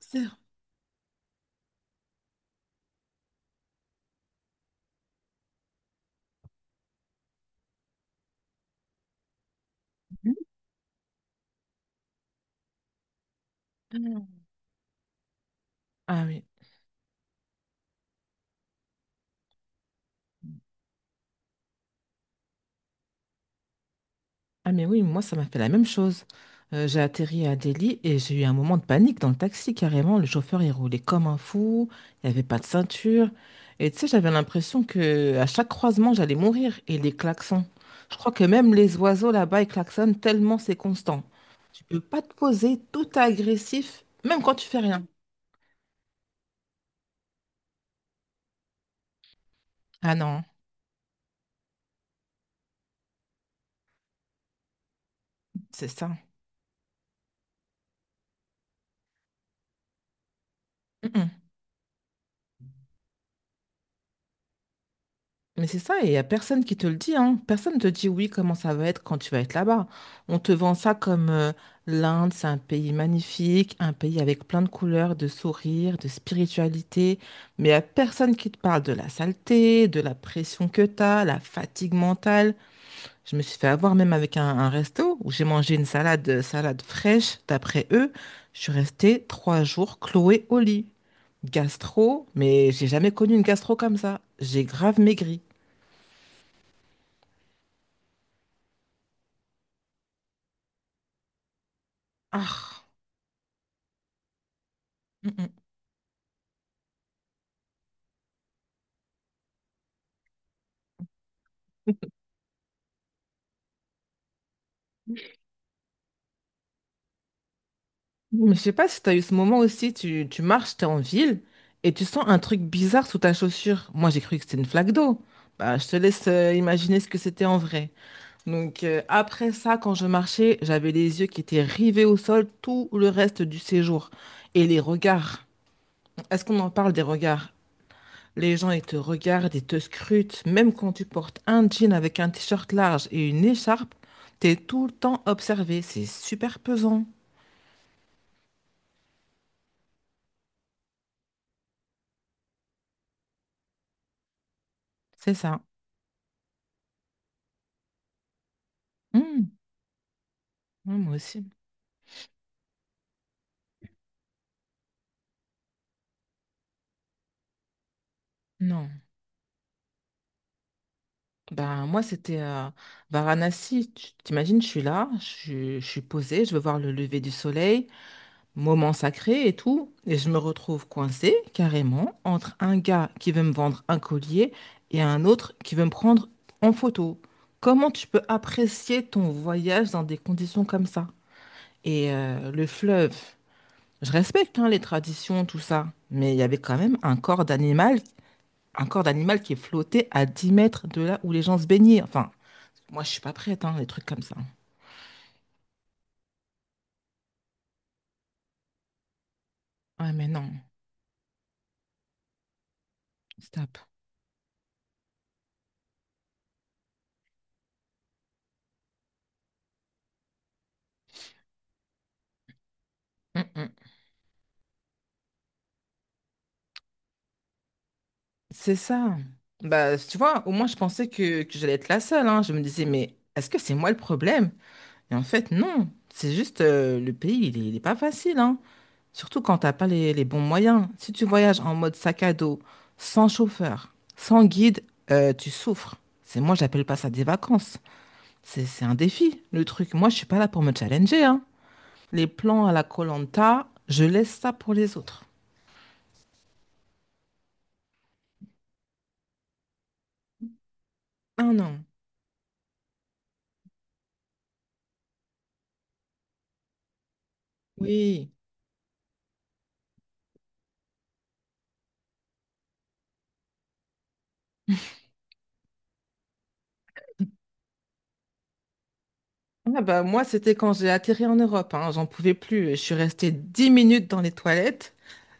Sérieux? Mm. Ah oui. Ah mais oui, moi ça m'a fait la même chose. J'ai atterri à Delhi et j'ai eu un moment de panique dans le taxi carrément. Le chauffeur il roulait comme un fou, il n'y avait pas de ceinture. Et tu sais, j'avais l'impression que à chaque croisement j'allais mourir et les klaxons. Je crois que même les oiseaux là-bas ils klaxonnent tellement c'est constant. Tu peux pas te poser, tout est agressif, même quand tu fais rien. Ah non, c'est ça. Mmh, mmh. Mais c'est ça, et il n'y a personne qui te le dit, hein. Personne ne te dit oui, comment ça va être quand tu vas être là-bas. On te vend ça comme l'Inde, c'est un pays magnifique, un pays avec plein de couleurs, de sourires, de spiritualité, mais il n'y a personne qui te parle de la saleté, de la pression que tu as, la fatigue mentale. Je me suis fait avoir même avec un resto où j'ai mangé une salade, salade fraîche, d'après eux. Je suis restée trois jours clouée au lit. Gastro, mais j'ai jamais connu une gastro comme ça. J'ai grave maigri. Ah, mm, mm. Mais je sais pas si tu as eu ce moment aussi, tu marches, tu es en ville et tu sens un truc bizarre sous ta chaussure. Moi, j'ai cru que c'était une flaque d'eau. Bah, je te laisse imaginer ce que c'était en vrai. Donc, après ça, quand je marchais, j'avais les yeux qui étaient rivés au sol tout le reste du séjour. Et les regards. Est-ce qu'on en parle des regards? Les gens, ils te regardent, ils te scrutent. Même quand tu portes un jean avec un t-shirt large et une écharpe, t'es tout le temps observé. C'est super pesant. C'est ça. Mmh. Ouais, moi aussi. Non. Ben, moi, c'était Varanasi. Tu t'imagines, je suis là, je suis posée, je veux voir le lever du soleil, moment sacré et tout. Et je me retrouve coincée, carrément, entre un gars qui veut me vendre un collier et un autre qui veut me prendre en photo. Comment tu peux apprécier ton voyage dans des conditions comme ça? Et le fleuve, je respecte hein, les traditions, tout ça, mais il y avait quand même un corps d'animal qui est flotté à 10 mètres de là où les gens se baignaient. Enfin, moi, je suis pas prête, hein, des trucs comme ça. Ouais, mais non, stop. Mm-mm. C'est ça. Bah, tu vois, au moins, je pensais que j'allais être la seule. Hein. Je me disais, mais est-ce que c'est moi le problème? Et en fait, non. C'est juste, le pays, il est pas facile, hein. Surtout quand t'as pas les bons moyens. Si tu voyages en mode sac à dos, sans chauffeur, sans guide, tu souffres. C'est moi, j'appelle pas ça des vacances. C'est un défi, le truc. Moi, je suis pas là pour me challenger, hein. Les plans à la koh je laisse ça pour les autres. Ah non, oui. Ah bah, moi, c'était quand j'ai atterri en Europe. Hein, j'en pouvais plus. Je suis restée 10 minutes dans les toilettes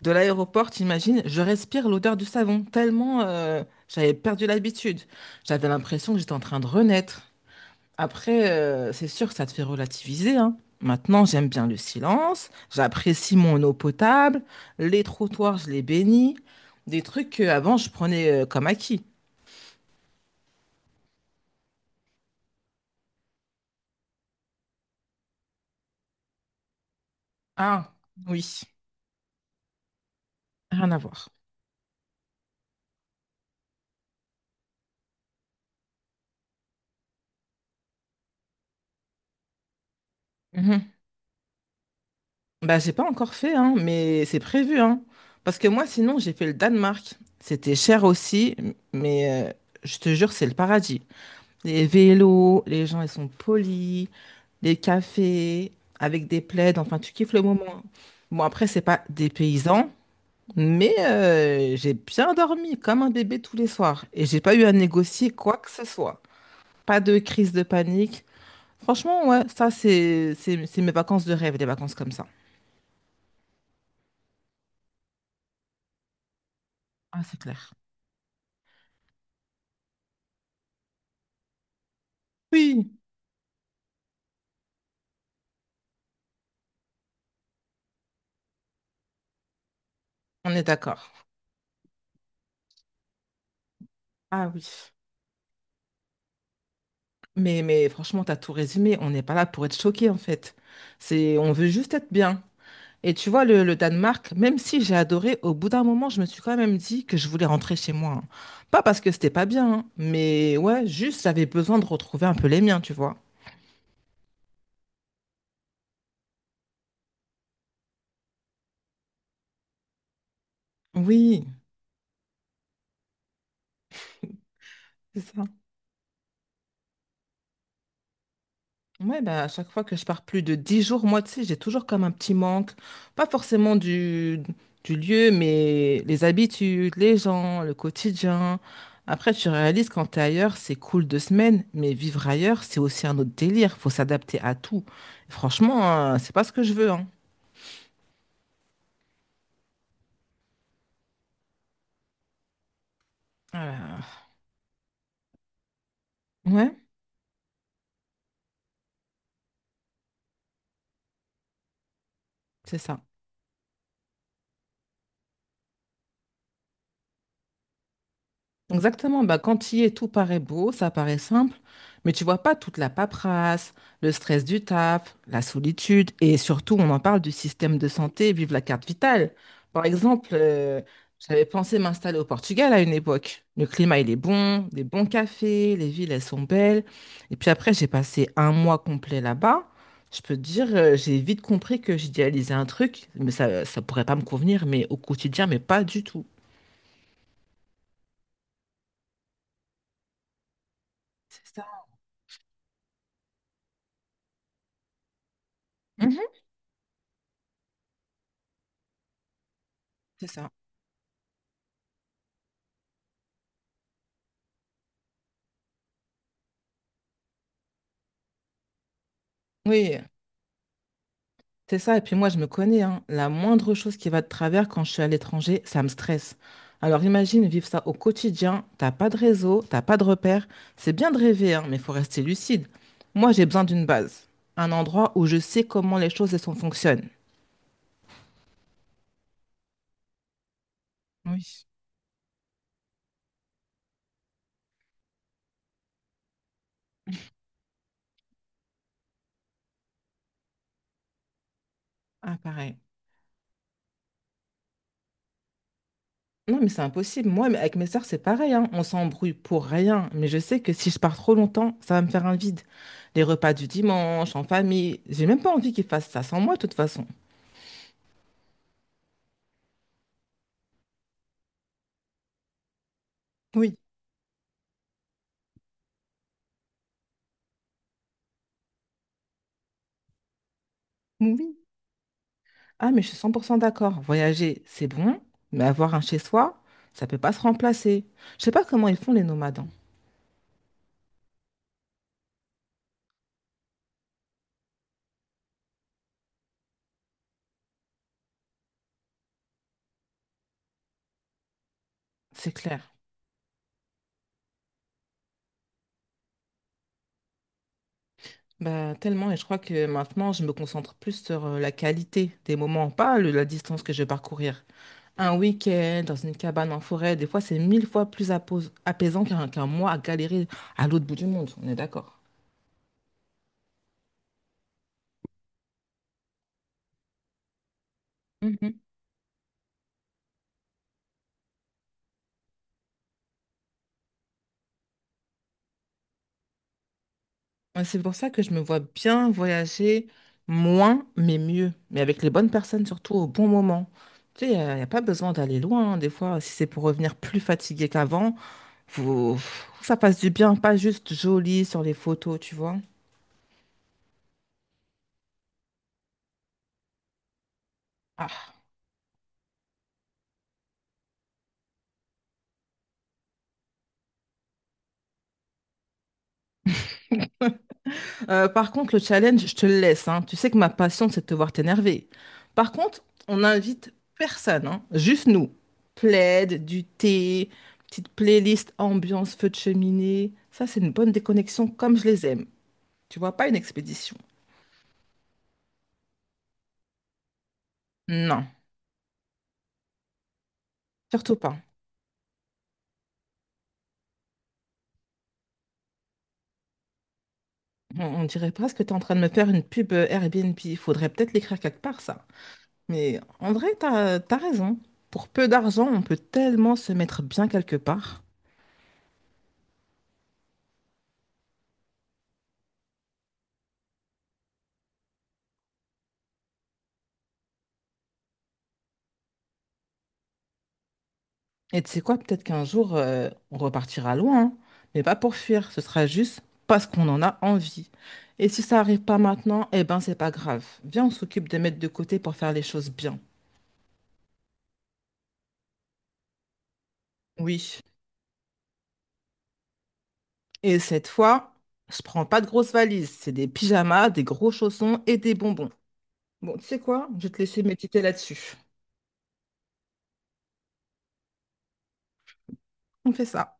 de l'aéroport, t'imagines, je respire l'odeur du savon, tellement j'avais perdu l'habitude. J'avais l'impression que j'étais en train de renaître. Après, c'est sûr que ça te fait relativiser, hein. Maintenant, j'aime bien le silence, j'apprécie mon eau potable, les trottoirs, je les bénis, des trucs qu'avant, je prenais comme acquis. Ah, oui, rien à voir. Mhm. Bah, j'ai pas encore fait, hein, mais c'est prévu, hein. Parce que moi, sinon, j'ai fait le Danemark. C'était cher aussi, mais je te jure, c'est le paradis. Les vélos, les gens, ils sont polis, les cafés, avec des plaids, enfin, tu kiffes le moment. Hein. Bon, après, c'est pas des paysans, mais j'ai bien dormi comme un bébé tous les soirs. Et j'ai pas eu à négocier quoi que ce soit. Pas de crise de panique. Franchement, ouais, ça, c'est mes vacances de rêve, des vacances comme ça. Ah, c'est clair. Oui, on est d'accord. Ah oui. Mais franchement, t'as tout résumé. On n'est pas là pour être choqué, en fait. C'est, on veut juste être bien. Et tu vois, le Danemark, même si j'ai adoré, au bout d'un moment, je me suis quand même dit que je voulais rentrer chez moi. Hein. Pas parce que c'était pas bien, hein, mais ouais, juste j'avais besoin de retrouver un peu les miens, tu vois. Oui, c'est ça. Ouais, bah, à chaque fois que je pars plus de 10 jours, moi, tu sais, j'ai toujours comme un petit manque. Pas forcément du lieu, mais les habitudes, les gens, le quotidien. Après, tu réalises quand t'es ailleurs, c'est cool deux semaines, mais vivre ailleurs, c'est aussi un autre délire. Faut s'adapter à tout. Franchement, hein, c'est pas ce que je veux, hein. Ah là là. Ouais, c'est ça. Exactement, bah, quand il est tout paraît beau, ça paraît simple, mais tu vois pas toute la paperasse, le stress du taf, la solitude, et surtout on en parle du système de santé, vive la carte vitale. Par exemple, j'avais pensé m'installer au Portugal à une époque. Le climat il est bon, des bons cafés, les villes elles sont belles, et puis après j'ai passé un mois complet là-bas. Je peux te dire, j'ai vite compris que j'idéalisais un truc, mais ça pourrait pas me convenir, mais au quotidien, mais pas du tout. C'est ça. Mhm, c'est ça. Oui. C'est ça, et puis moi je me connais, hein. La moindre chose qui va de travers quand je suis à l'étranger, ça me stresse. Alors imagine vivre ça au quotidien, t'as pas de réseau, t'as pas de repères. C'est bien de rêver, hein, mais il faut rester lucide. Moi j'ai besoin d'une base, un endroit où je sais comment les choses et sont fonctionnent. Oui. Ah pareil. Non mais c'est impossible, moi mais avec mes sœurs c'est pareil, hein. On s'embrouille pour rien, mais je sais que si je pars trop longtemps, ça va me faire un vide. Les repas du dimanche, en famille, j'ai même pas envie qu'ils fassent ça sans moi de toute façon. Oui. Oui, ah, mais je suis 100% d'accord. Voyager, c'est bon, mais avoir un chez-soi, ça peut pas se remplacer. Je sais pas comment ils font les nomades, hein. C'est clair. Bah, tellement, et je crois que maintenant, je me concentre plus sur la qualité des moments, pas la distance que je vais parcourir. Un week-end dans une cabane en forêt, des fois, c'est mille fois plus apaisant qu'un mois à galérer à l'autre bout du monde. On est d'accord. Ouais, c'est pour ça que je me vois bien voyager moins, mais mieux. Mais avec les bonnes personnes, surtout au bon moment. Tu sais, y a pas besoin d'aller loin. Hein. Des fois, si c'est pour revenir plus fatigué qu'avant, faut que ça passe du bien, pas juste joli sur les photos, tu vois. Ah. Par contre, le challenge, je te le laisse, hein. Tu sais que ma passion, c'est de te voir t'énerver. Par contre, on n'invite personne, hein. Juste nous. Plaid, du thé, petite playlist, ambiance, feu de cheminée. Ça, c'est une bonne déconnexion comme je les aime. Tu vois, pas une expédition. Non, surtout pas. On dirait presque que tu es en train de me faire une pub Airbnb. Il faudrait peut-être l'écrire quelque part, ça. Mais en vrai, t'as raison. Pour peu d'argent, on peut tellement se mettre bien quelque part. Et tu sais quoi, peut-être qu'un jour, on repartira loin, hein, mais pas pour fuir, ce sera juste parce qu'on en a envie. Et si ça arrive pas maintenant, eh ben c'est pas grave. Viens, on s'occupe de mettre de côté pour faire les choses bien. Oui. Et cette fois, je prends pas de grosses valises, c'est des pyjamas, des gros chaussons et des bonbons. Bon, tu sais quoi, je vais te laisser méditer là-dessus. On fait ça.